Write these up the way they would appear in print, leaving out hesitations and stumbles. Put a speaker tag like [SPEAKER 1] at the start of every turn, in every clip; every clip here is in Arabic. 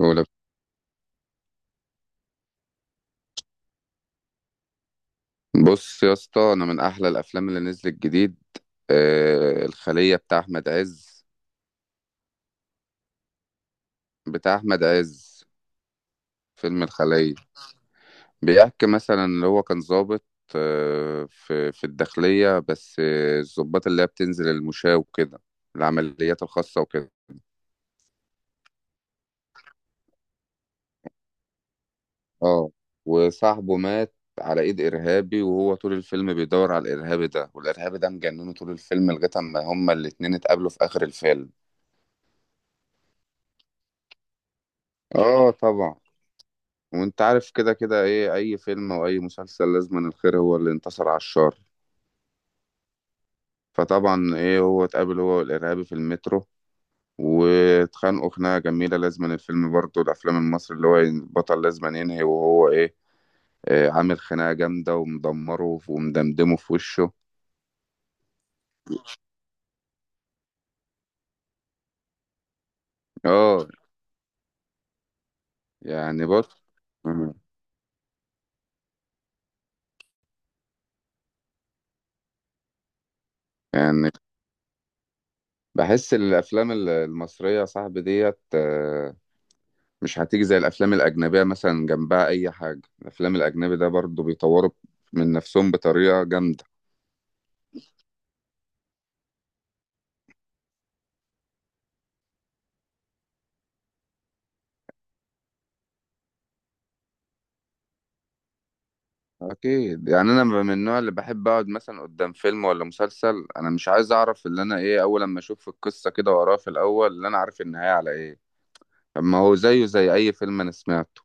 [SPEAKER 1] ولا، بص يا اسطى، انا من احلى الافلام اللي نزلت جديد الخلية بتاع احمد عز. بتاع احمد عز. فيلم الخلية بيحكي مثلا اللي هو كان ضابط في الداخلية، بس الضباط اللي هي بتنزل المشاة وكده، العمليات الخاصة وكده. اه، وصاحبه مات على ايد ارهابي، وهو طول الفيلم بيدور على الارهابي ده، والارهابي ده مجنونه طول الفيلم لغايه اما هما الاتنين اتقابلوا في اخر الفيلم. اه، طبعا. وانت عارف كده كده، ايه اي فيلم او اي مسلسل لازم أن الخير هو اللي انتصر على الشر. فطبعا، ايه هو اتقابل هو والارهابي في المترو واتخانقوا خناقه جميله. لازم أن الفيلم برضه الافلام المصري اللي هو البطل لازم أن ينهي وهو إيه عامل خناقه جامده ومدمره ومدمدمه في وشه. اه. يعني بص. مم. يعني بحس الافلام المصريه يا صاحبي ديت مش هتيجي زي الافلام الاجنبيه، مثلا جنبها اي حاجه. الافلام الاجنبي ده برضو بيطوروا من نفسهم بطريقه جامده. اكيد. يعني انا من النوع اللي بحب اقعد مثلا قدام فيلم ولا مسلسل، انا مش عايز اعرف اللي انا ايه اول لما اشوف القصه كده واقراها في الاول اللي انا عارف النهايه على ايه، اما هو زيه زي اي فيلم انا سمعته.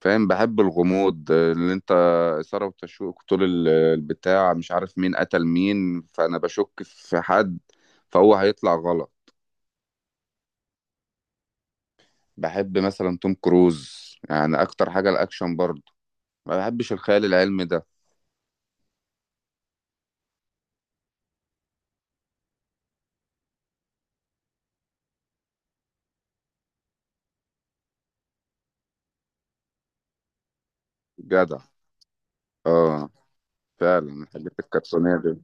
[SPEAKER 1] فاهم؟ بحب الغموض، اللي انت اثاره وتشويق طول البتاع، مش عارف مين قتل مين، فانا بشك في حد فهو هيطلع غلط. بحب مثلا توم كروز، يعني اكتر حاجه الاكشن برضه، ما بحبش الخيال العلمي ده. جدع. اه. فعلا، الحاجات الكرتونيه دي،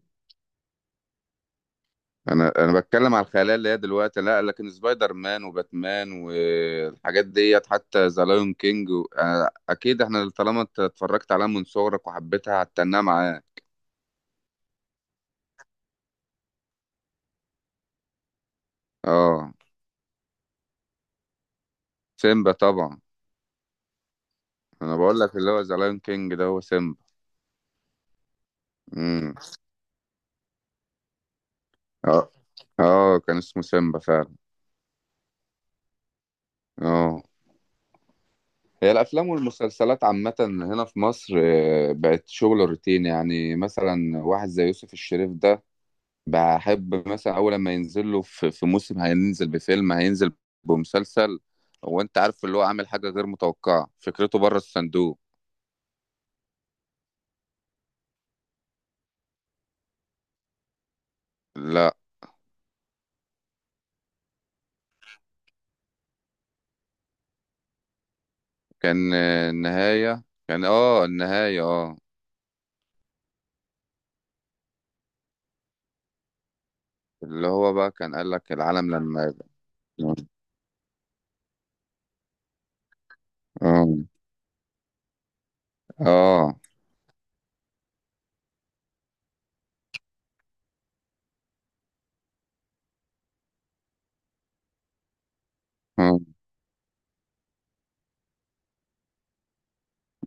[SPEAKER 1] انا بتكلم على الخيال اللي هي دلوقتي، لا، لكن سبايدر مان وباتمان والحاجات ديت، حتى ذا لايون كينج أنا اكيد احنا طالما انت اتفرجت عليها من صغرك وحبيتها هتتناها معاه. اه. سيمبا طبعا. انا بقول لك اللي هو ذا لايون كينج ده هو سيمبا. امم. اه، اه، كان اسمه سيمبا فعلا. اه. هي الأفلام والمسلسلات عامة هنا في مصر بقت شغل روتين، يعني مثلا واحد زي يوسف الشريف ده، بحب مثلا أول لما ينزل له في موسم، هينزل بفيلم، هينزل بمسلسل، هو أنت عارف اللي هو عامل حاجة غير متوقعة، فكرته بره الصندوق. لا. كان النهاية. كان النهاية. اللي هو بقى كان قال لك العالم لما يبقى. آه، آه، آه.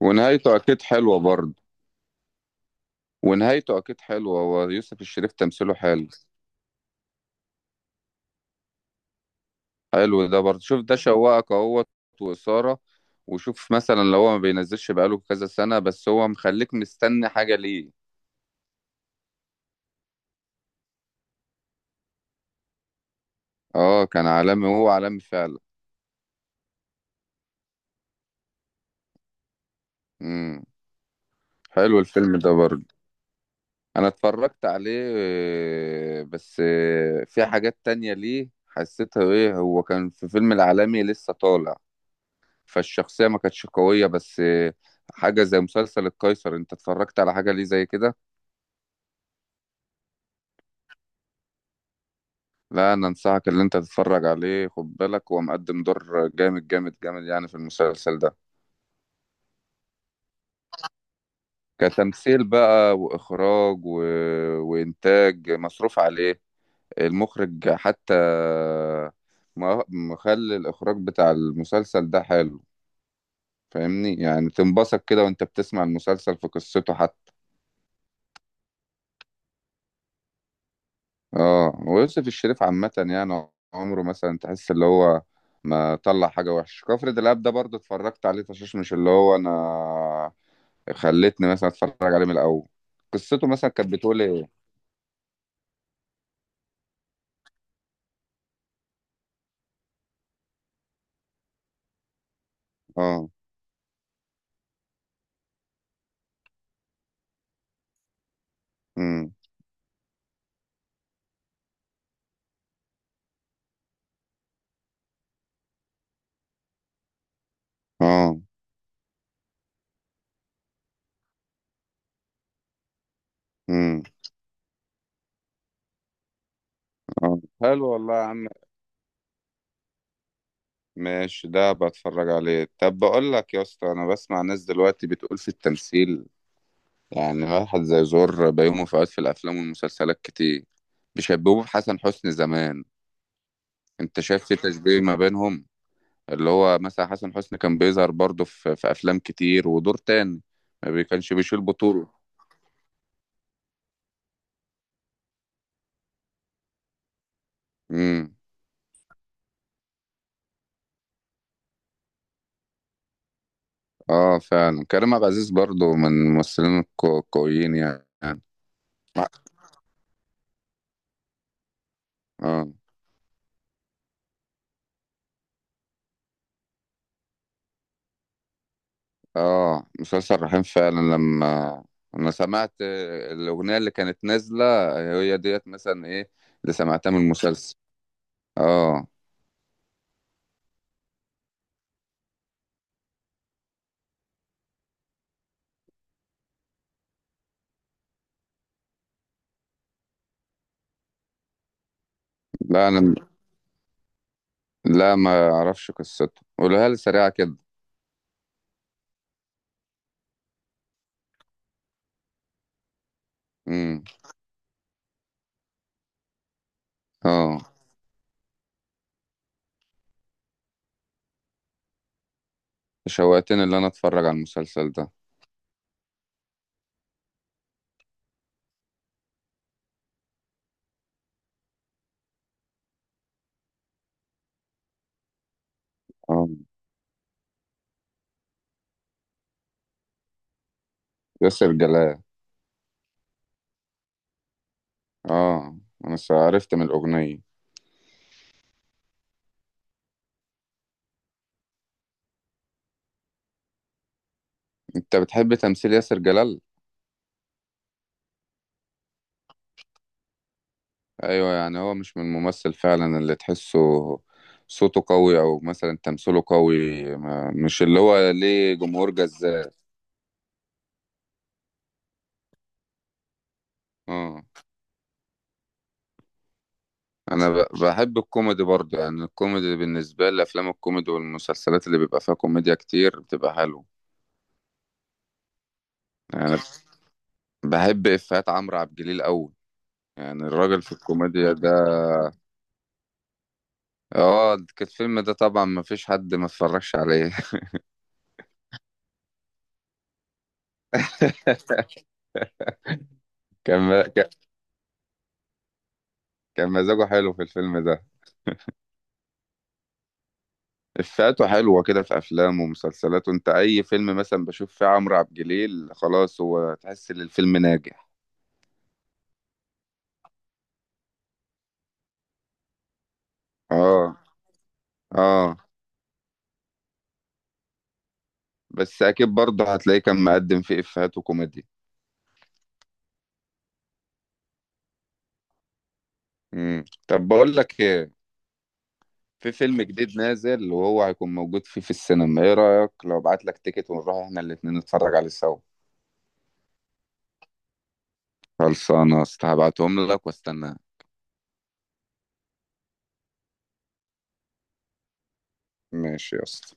[SPEAKER 1] ونهايته أكيد حلوة برضه. ونهايته أكيد حلوة، ويوسف الشريف تمثيله حلو. حلو ده برضه، شوف ده شوقك اهوت وإثارة. وشوف مثلا لو هو ما بينزلش بقاله كذا سنة، بس هو مخليك مستني حاجة ليه. اه، كان عالمي، هو عالمي فعلا. امم. حلو الفيلم ده برضه. انا اتفرجت عليه بس في حاجات تانية ليه حسيتها، ايه هو كان في فيلم العالمي لسه طالع، فالشخصية ما كانتش قوية، بس حاجة زي مسلسل القيصر، انت اتفرجت على حاجة ليه زي كده؟ لا، انا انصحك اللي انت تتفرج عليه، خد بالك هو مقدم دور جامد جامد جامد يعني في المسلسل ده. كتمثيل بقى واخراج وانتاج مصروف عليه. المخرج حتى مخلي الاخراج بتاع المسلسل ده حلو، فاهمني؟ يعني تنبسط كده وانت بتسمع المسلسل في قصته حتى. اه. ويوسف الشريف عامة يعني عمره مثلا تحس اللي هو ما طلع حاجة وحشة. كفر دلاب ده برضه اتفرجت عليه فشاش، مش اللي هو انا خلتني مثلا اتفرج عليه من الاول. قصته مثلا كانت بتقول ايه؟ اه. امم. اه. امم. اه، حلو والله يا عم. ماشي، ده بتفرج عليه. طب بقول لك يا اسطى، انا بسمع ناس دلوقتي بتقول في التمثيل، يعني واحد زي زور بيومه فؤاد في الافلام والمسلسلات كتير بيشبهوه بحسن حسني زمان. انت شايف في تشبيه ما بينهم؟ اللي هو مثلا حسن حسني كان بيظهر برضه في افلام كتير ودور تاني، ما كانش بيشيل بطولة. امم. اه، فعلا كريم عبد العزيز برضو من الممثلين القويين يعني. اه، اه، مسلسل رحيم فعلا. لما انا سمعت الاغنيه اللي كانت نازله، هي ديت مثلا ايه اللي سمعتها من المسلسل. اه. لا انا لا، ما اعرفش قصته، قولها لي سريعه كده. امم. اه. شوقتني ان انا اتفرج على المسلسل ده. اه، ياسر جلال. اه. انا عرفت من الاغنيه. انت بتحب تمثيل ياسر جلال؟ ايوه، يعني هو مش من الممثل فعلا اللي تحسه صوته قوي او مثلا تمثيله قوي، ما مش اللي هو ليه جمهور جذاب. اه. انا بحب الكوميدي برضه، يعني الكوميدي بالنسبه لي افلام الكوميدي والمسلسلات اللي بيبقى فيها كوميديا كتير بتبقى حلوه. يعني بحب افيهات عمرو عبد الجليل قوي. يعني الراجل في الكوميديا ده. اه. الفيلم ده طبعا ما فيش حد ما اتفرجش عليه. كان كان كان مزاجه حلو في الفيلم ده. إفيهاته حلوة كده في أفلامه ومسلسلاته، أنت أي فيلم مثلا بشوف فيه عمرو عبد الجليل خلاص هو تحس إن الفيلم ناجح. آه، آه. بس أكيد برضه هتلاقيه كان مقدم فيه إفيهات وكوميديا. مم. طب بقول لك إيه، في فيلم جديد نازل وهو هيكون موجود فيه في السينما، إيه رأيك لو أبعت لك تيكت ونروح إحنا الاتنين نتفرج عليه سوا؟ خلصانة يا اسطى، هبعتهم لك واستناك. ماشي يا اسطى.